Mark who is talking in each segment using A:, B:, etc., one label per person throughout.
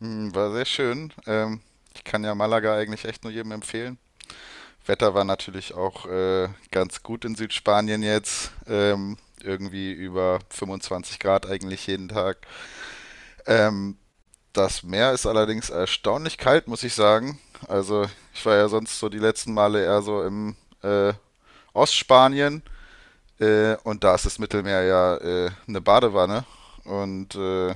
A: War sehr schön. Ich kann ja Malaga eigentlich echt nur jedem empfehlen. Wetter war natürlich auch ganz gut in Südspanien jetzt. Irgendwie über 25 Grad eigentlich jeden Tag. Ähm, Das Meer ist allerdings erstaunlich kalt, muss ich sagen. Also ich war ja sonst so die letzten Male eher so im äh, Ostspanien, und da ist das Mittelmeer ja eine Badewanne. Und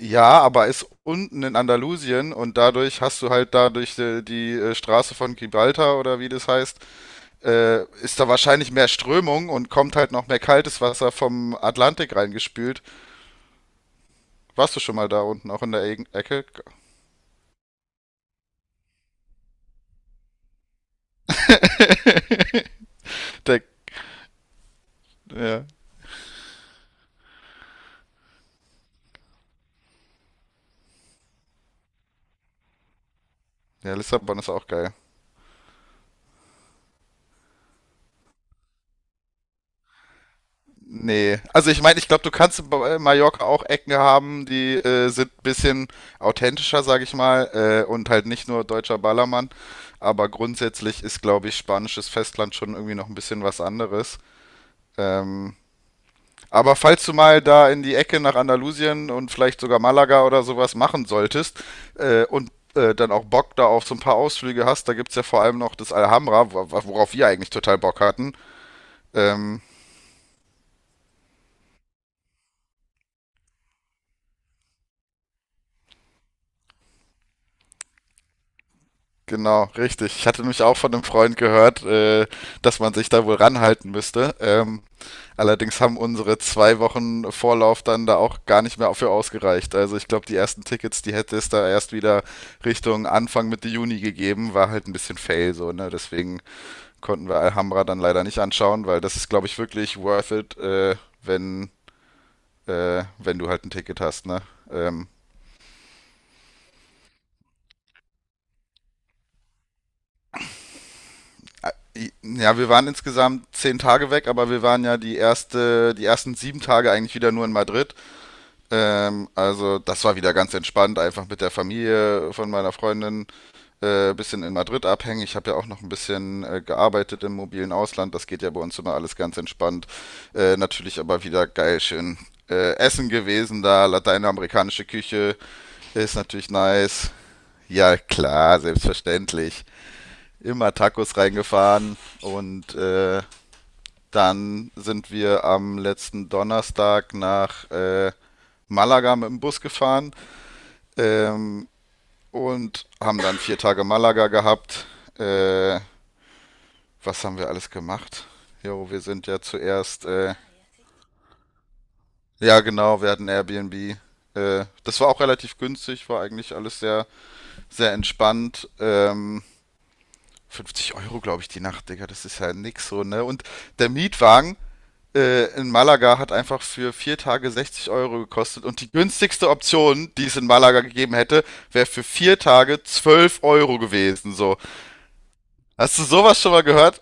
A: ja, aber ist unten in Andalusien und dadurch hast du halt dadurch die, die Straße von Gibraltar oder wie das heißt, ist da wahrscheinlich mehr Strömung und kommt halt noch mehr kaltes Wasser vom Atlantik reingespült. Warst du schon mal da unten, auch in der Ecke? Der, ja. Ja, Lissabon ist auch geil. Nee, also ich meine, ich glaube, du kannst bei Mallorca auch Ecken haben, die sind ein bisschen authentischer, sage ich mal, und halt nicht nur deutscher Ballermann. Aber grundsätzlich ist, glaube ich, spanisches Festland schon irgendwie noch ein bisschen was anderes. Ähm, aber falls du mal da in die Ecke nach Andalusien und vielleicht sogar Malaga oder sowas machen solltest, und dann auch Bock da auf so ein paar Ausflüge hast, da gibt es ja vor allem noch das Alhambra, worauf wir eigentlich total Bock hatten. Ähm, Genau, richtig. Ich hatte nämlich auch von einem Freund gehört, dass man sich da wohl ranhalten müsste. Allerdings haben unsere zwei Wochen Vorlauf dann da auch gar nicht mehr für ausgereicht. Also ich glaube, die ersten Tickets, die hätte es da erst wieder Richtung Anfang Mitte Juni gegeben, war halt ein bisschen fail so, ne? Deswegen konnten wir Alhambra dann leider nicht anschauen, weil das ist, glaube ich, wirklich worth it, wenn, wenn du halt ein Ticket hast, ne? Ähm, ja, wir waren insgesamt 10 Tage weg, aber wir waren ja die ersten 7 Tage eigentlich wieder nur in Madrid. Also das war wieder ganz entspannt, einfach mit der Familie von meiner Freundin bisschen in Madrid abhängen. Ich habe ja auch noch ein bisschen gearbeitet im mobilen Ausland. Das geht ja bei uns immer alles ganz entspannt. Natürlich aber wieder geil, schön Essen gewesen da, lateinamerikanische Küche ist natürlich nice. Ja, klar, selbstverständlich. Immer Tacos reingefahren und dann sind wir am letzten Donnerstag nach Malaga mit dem Bus gefahren ähm, und haben dann vier Tage Malaga gehabt. Äh, was haben wir alles gemacht? Jo, wir sind ja zuerst, ja genau, wir hatten Airbnb. Das war auch relativ günstig, war eigentlich alles sehr entspannt. 50 Euro, glaube ich, die Nacht, Digga, das ist ja nix so, ne? Und der Mietwagen, in Malaga hat einfach für vier Tage 60 € gekostet und die günstigste Option, die es in Malaga gegeben hätte, wäre für vier Tage 12 € gewesen. So. Hast du sowas schon mal gehört?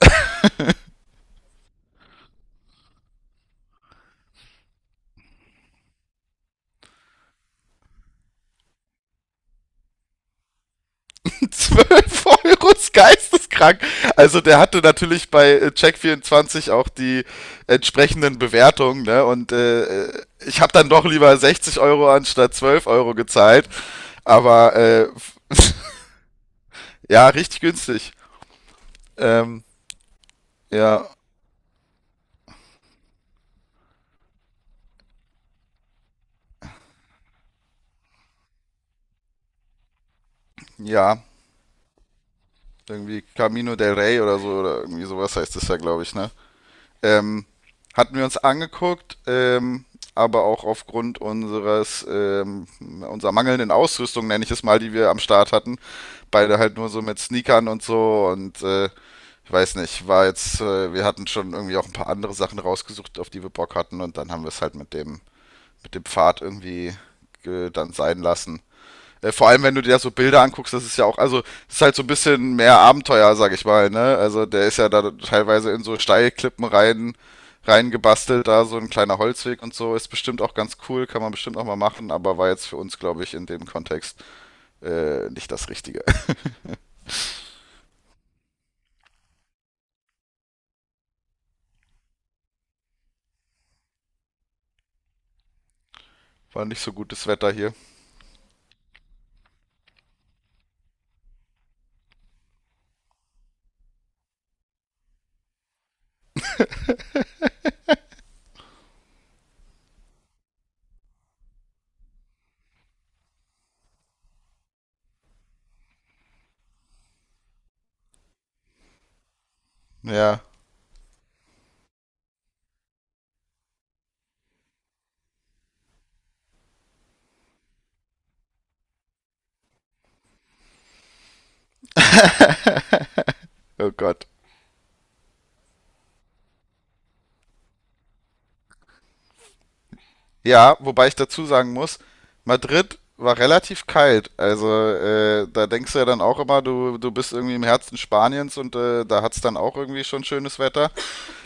A: 12 € ist geisteskrank. Also der hatte natürlich bei Check24 auch die entsprechenden Bewertungen, ne? Und ich habe dann doch lieber 60 € anstatt 12 € gezahlt. Aber ja, richtig günstig. Ähm, ja, ja. Irgendwie Camino del Rey oder so, oder irgendwie sowas heißt es ja, glaube ich, ne? Ähm, hatten wir uns angeguckt, aber auch aufgrund unserer mangelnden Ausrüstung, nenne ich es mal, die wir am Start hatten. Beide halt nur so mit Sneakern und so und ich weiß nicht, wir hatten schon irgendwie auch ein paar andere Sachen rausgesucht, auf die wir Bock hatten und dann haben wir es halt mit mit dem Pfad irgendwie dann sein lassen. Vor allem, wenn du dir so Bilder anguckst, das ist ja auch, also, das ist halt so ein bisschen mehr Abenteuer, sag ich mal, ne? Also, der ist ja da teilweise in so reingebastelt, da so ein kleiner Holzweg und so. Ist bestimmt auch ganz cool, kann man bestimmt auch mal machen, aber war jetzt für uns, glaube ich, in dem Kontext nicht das Richtige. War nicht so gutes Wetter hier. Ja, oh Gott. Ja, wobei ich dazu sagen muss, Madrid war relativ kalt. Also da denkst du ja dann auch immer, du bist irgendwie im Herzen Spaniens und da hat's dann auch irgendwie schon schönes Wetter.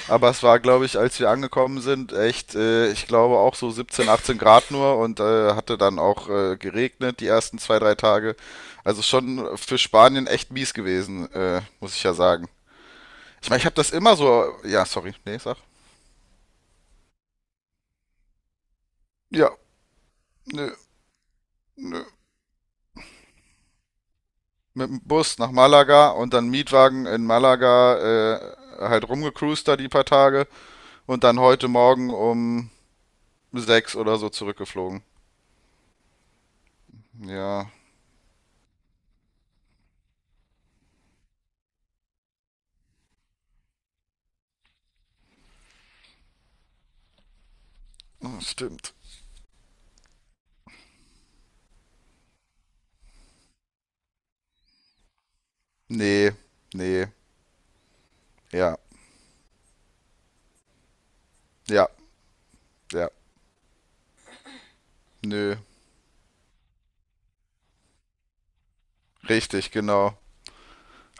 A: Aber es war, glaube ich, als wir angekommen sind, echt, ich glaube auch so 17, 18 Grad nur und hatte dann auch geregnet die ersten zwei, drei Tage. Also schon für Spanien echt mies gewesen, muss ich ja sagen. Ich meine, ich habe das immer so. Ja, sorry, nee, sag. Ja, nö, nö. Mit dem Bus nach Malaga und dann Mietwagen in Malaga halt rumgecruised da die paar Tage und dann heute Morgen um sechs oder so zurückgeflogen. Ja, stimmt. Nee, nee, ja, ja, ja, nö, richtig, genau.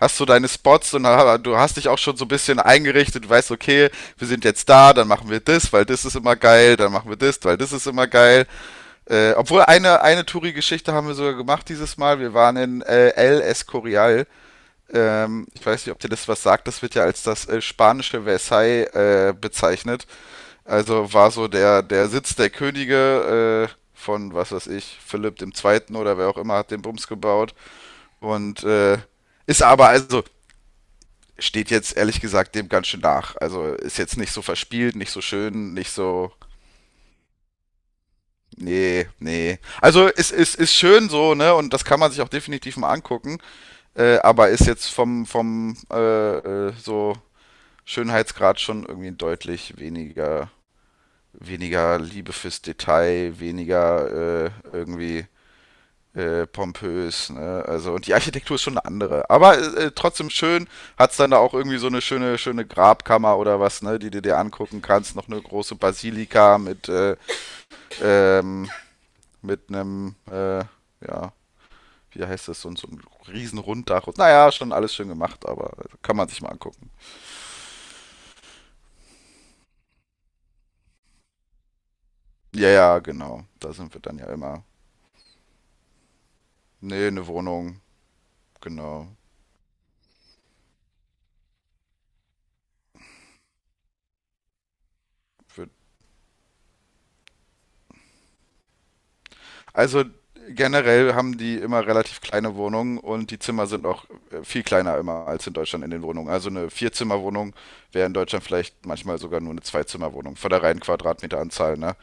A: Hast du deine Spots und du hast dich auch schon so ein bisschen eingerichtet, du weißt, okay, wir sind jetzt da, dann machen wir das, weil das ist immer geil, dann machen wir das, weil das ist immer geil. Obwohl eine Touri-Geschichte haben wir sogar gemacht dieses Mal. Wir waren in El Escorial. Ich weiß nicht, ob dir das was sagt. Das wird ja als das spanische Versailles bezeichnet. Also war so der Sitz der Könige von, was weiß ich, Philipp dem Zweiten oder wer auch immer hat den Bums gebaut. Und ist aber, also steht jetzt ehrlich gesagt dem ganz schön nach. Also ist jetzt nicht so verspielt, nicht so schön, nicht so. Nee, nee. Also es ist, ist schön so, ne? Und das kann man sich auch definitiv mal angucken. Aber ist jetzt vom, vom so Schönheitsgrad schon irgendwie deutlich weniger Liebe fürs Detail, weniger irgendwie pompös. Ne? Also und die Architektur ist schon eine andere. Aber trotzdem schön. Hat's dann da auch irgendwie so eine schöne Grabkammer oder was, ne, die du dir angucken kannst. Noch eine große Basilika ähm, mit einem ja wie heißt das, so ein riesen Runddach. Und, naja, schon alles schön gemacht, aber kann man sich mal angucken. Ja, ja, genau. Da sind wir dann ja immer. Nee, eine Wohnung, genau. Für- Also generell haben die immer relativ kleine Wohnungen und die Zimmer sind auch viel kleiner immer als in Deutschland in den Wohnungen. Also eine Vierzimmerwohnung wäre in Deutschland vielleicht manchmal sogar nur eine Zweizimmerwohnung von der reinen Quadratmeteranzahl, ne?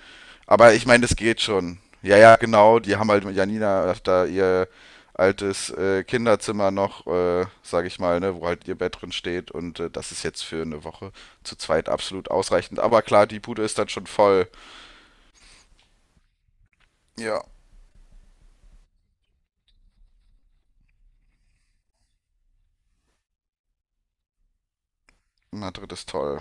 A: Aber ich meine, das geht schon. Ja, ja, genau. Die haben halt mit Janina da ihr altes Kinderzimmer noch, sage ich mal, ne, wo halt ihr Bett drin steht. Und das ist jetzt für eine Woche zu zweit absolut ausreichend. Aber klar, die Bude ist dann schon voll. Ja, Madrid ist toll.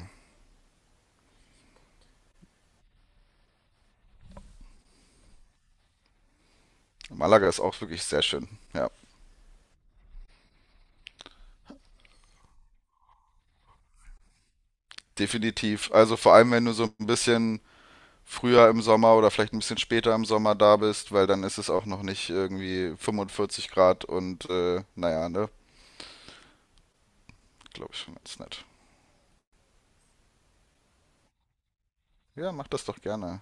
A: Malaga ist auch wirklich sehr schön. Ja, definitiv. Also vor allem, wenn du so ein bisschen früher im Sommer oder vielleicht ein bisschen später im Sommer da bist, weil dann ist es auch noch nicht irgendwie 45 Grad und naja, ne, glaube ich schon ganz nett. Ja, mach das doch gerne.